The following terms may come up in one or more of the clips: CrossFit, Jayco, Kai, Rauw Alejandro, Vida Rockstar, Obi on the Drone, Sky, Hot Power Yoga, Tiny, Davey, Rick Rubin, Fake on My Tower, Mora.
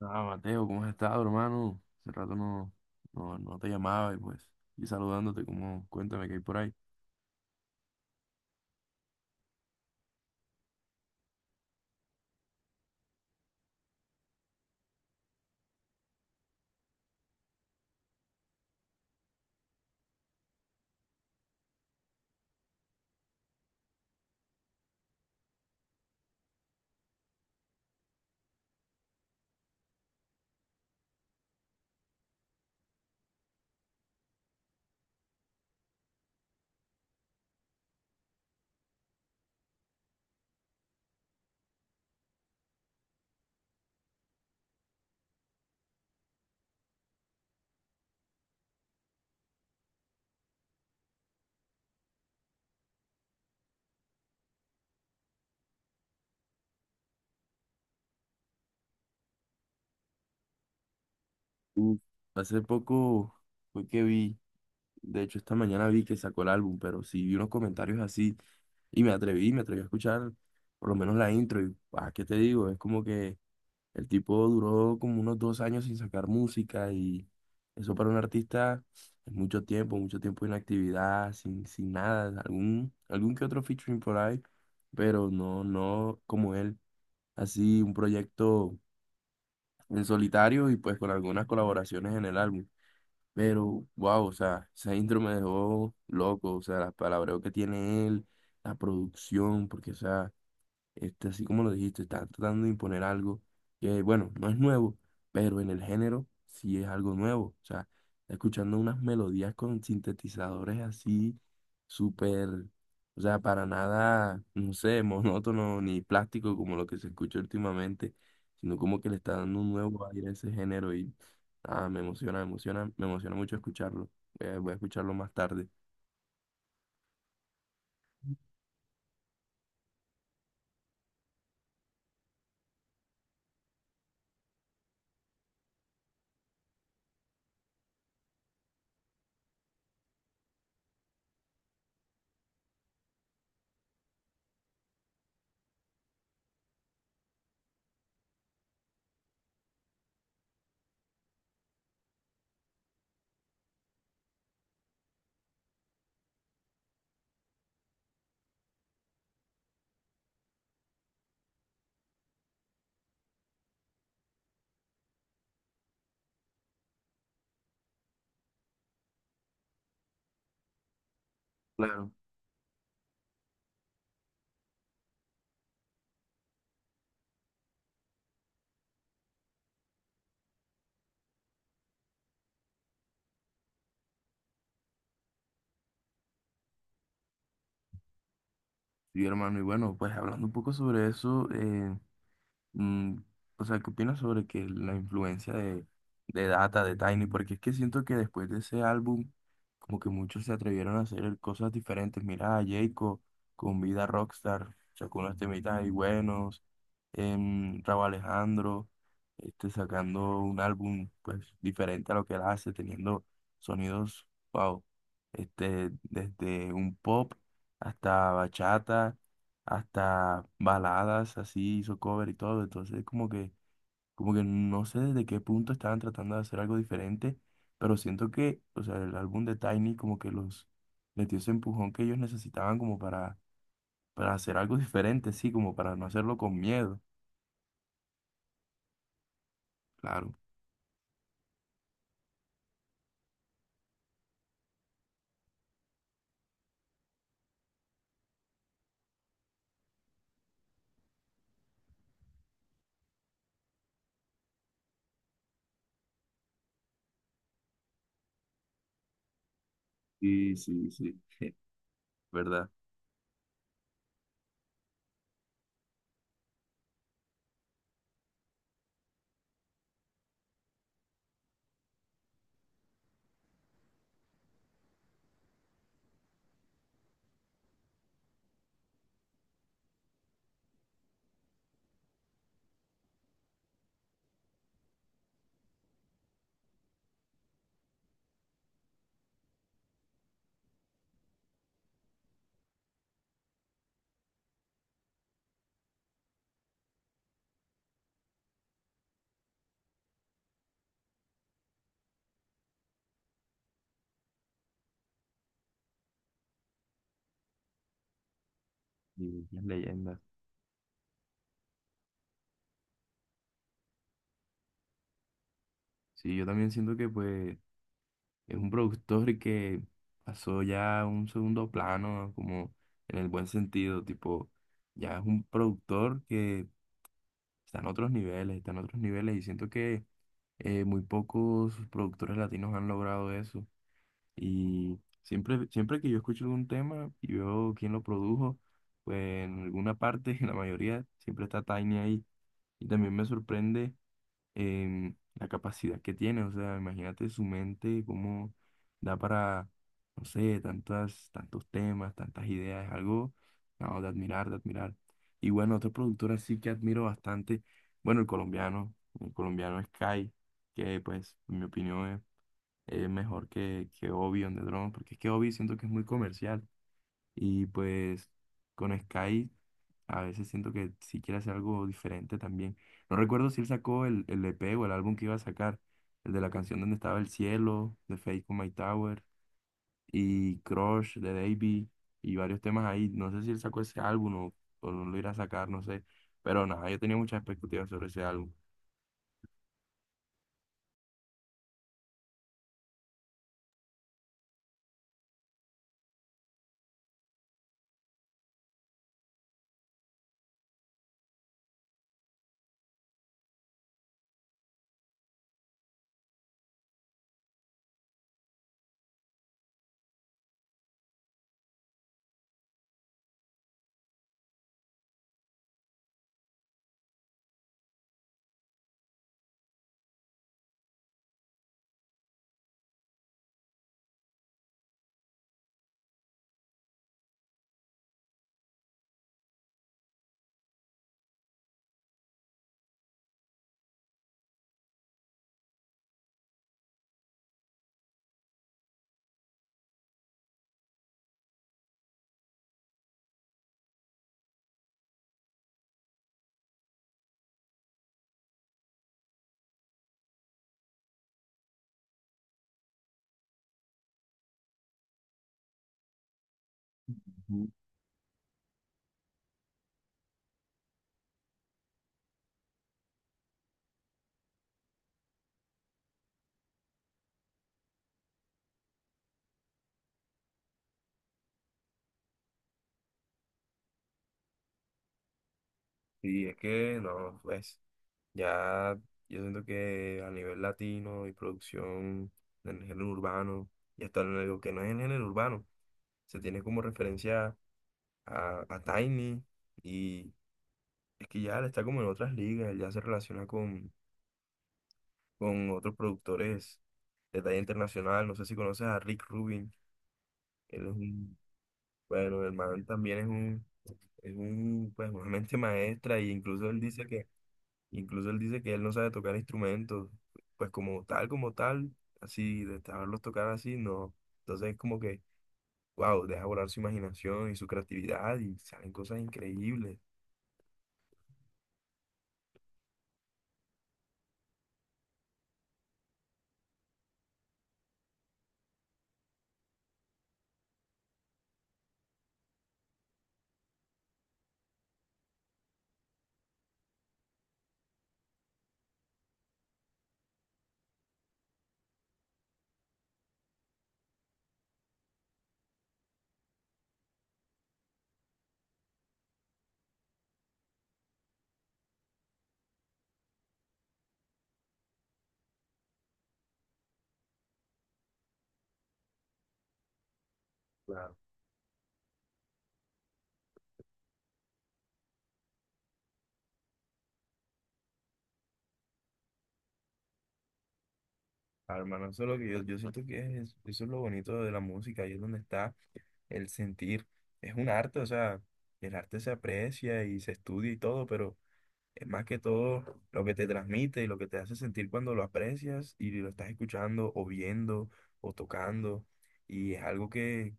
Ah, Mateo, ¿cómo has estado, hermano? Hace rato no te llamaba y pues, y saludándote, como, cuéntame qué hay por ahí. Uf, hace poco fue que vi, de hecho esta mañana vi que sacó el álbum, pero sí vi unos comentarios así y me atreví a escuchar por lo menos la intro y, ah, ¿qué te digo? Es como que el tipo duró como unos 2 años sin sacar música y eso para un artista es mucho tiempo de inactividad, sin nada, algún que otro featuring por ahí, pero no como él, así un proyecto en solitario y pues con algunas colaboraciones en el álbum. Pero wow, o sea, esa intro me dejó loco, o sea, las palabreos que tiene él, la producción, porque o sea... Este, así como lo dijiste, está tratando de imponer algo que, bueno, no es nuevo, pero en el género sí es algo nuevo. O sea, está escuchando unas melodías con sintetizadores así, súper, o sea, para nada, no sé, monótono ni plástico como lo que se escucha últimamente, sino como que le está dando un nuevo aire a ese género y ah, me emociona mucho escucharlo. Voy a escucharlo más tarde. Claro. Sí, hermano, y bueno, pues hablando un poco sobre eso. Mm, o sea, ¿qué opinas sobre que la influencia de Data, de Tiny? Porque es que siento que después de ese álbum, como que muchos se atrevieron a hacer cosas diferentes. Mira a Jayco con Vida Rockstar, sacó unos temitas ahí buenos. Rauw Alejandro, este, sacando un álbum pues diferente a lo que él hace, teniendo sonidos, wow, este, desde un pop hasta bachata hasta baladas así, hizo cover y todo, entonces como que no sé desde qué punto estaban tratando de hacer algo diferente, pero siento que, o sea, el álbum de Tiny como que los les dio ese empujón que ellos necesitaban como para hacer algo diferente, sí, como para no hacerlo con miedo, claro. Sí, verdad. Y las leyendas. Sí, yo también siento que pues es un productor que pasó ya a un segundo plano, como en el buen sentido, tipo, ya es un productor que está en otros niveles, está en otros niveles y siento que muy pocos productores latinos han logrado eso. Y siempre que yo escucho algún tema y veo quién lo produjo, pues en alguna parte, en la mayoría, siempre está Tiny ahí. Y también me sorprende la capacidad que tiene, o sea, imagínate su mente, cómo da para, no sé, tantos temas, tantas ideas, es algo, no, de admirar. Y bueno, otro productor así que admiro bastante, bueno, el colombiano es Kai, que pues, en mi opinión es mejor que Obi on the Drone, porque es que Obi siento que es muy comercial, y pues con Sky a veces siento que si quiere hacer algo diferente también. No recuerdo si él sacó el EP o el álbum que iba a sacar. El de la canción donde estaba el cielo, de Fake on My Tower, y Crush de Davey, y varios temas ahí. No sé si él sacó ese álbum o no lo irá a sacar, no sé. Pero nada, yo tenía muchas expectativas sobre ese álbum. Ujú. Sí, es que no, pues ya yo siento que a nivel latino y producción en el género urbano, y hasta en lo digo que no es en el género urbano, se tiene como referencia a Tiny y es que ya él está como en otras ligas, él ya se relaciona con otros productores de talla internacional, no sé si conoces a Rick Rubin, él es un, bueno, el man también es un, pues una mente maestra y incluso él dice que, incluso él dice que él no sabe tocar instrumentos, pues como tal, así, de saberlos tocar así, no, entonces es como que, wow, deja volar su imaginación y su creatividad y salen cosas increíbles. Claro. Ah, hermano, eso es lo que yo siento que es, eso es lo bonito de la música, ahí es donde está el sentir. Es un arte, o sea, el arte se aprecia y se estudia y todo, pero es más que todo lo que te transmite y lo que te hace sentir cuando lo aprecias y lo estás escuchando o viendo o tocando. Y es algo que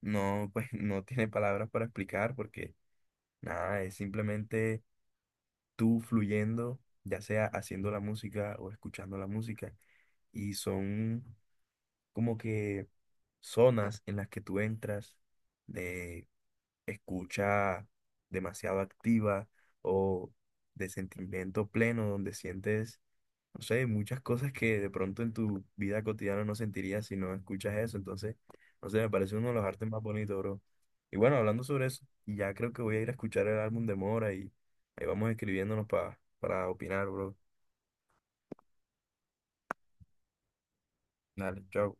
no, pues, no tiene palabras para explicar porque nada, es simplemente tú fluyendo, ya sea haciendo la música o escuchando la música y son como que zonas en las que tú entras de escucha demasiado activa o de sentimiento pleno, donde sientes, no sé, muchas cosas que de pronto en tu vida cotidiana no sentirías si no escuchas eso. Entonces, no sé, me parece uno de los artes más bonitos, bro. Y bueno, hablando sobre eso, ya creo que voy a ir a escuchar el álbum de Mora y ahí vamos escribiéndonos para opinar, bro. Dale, chao.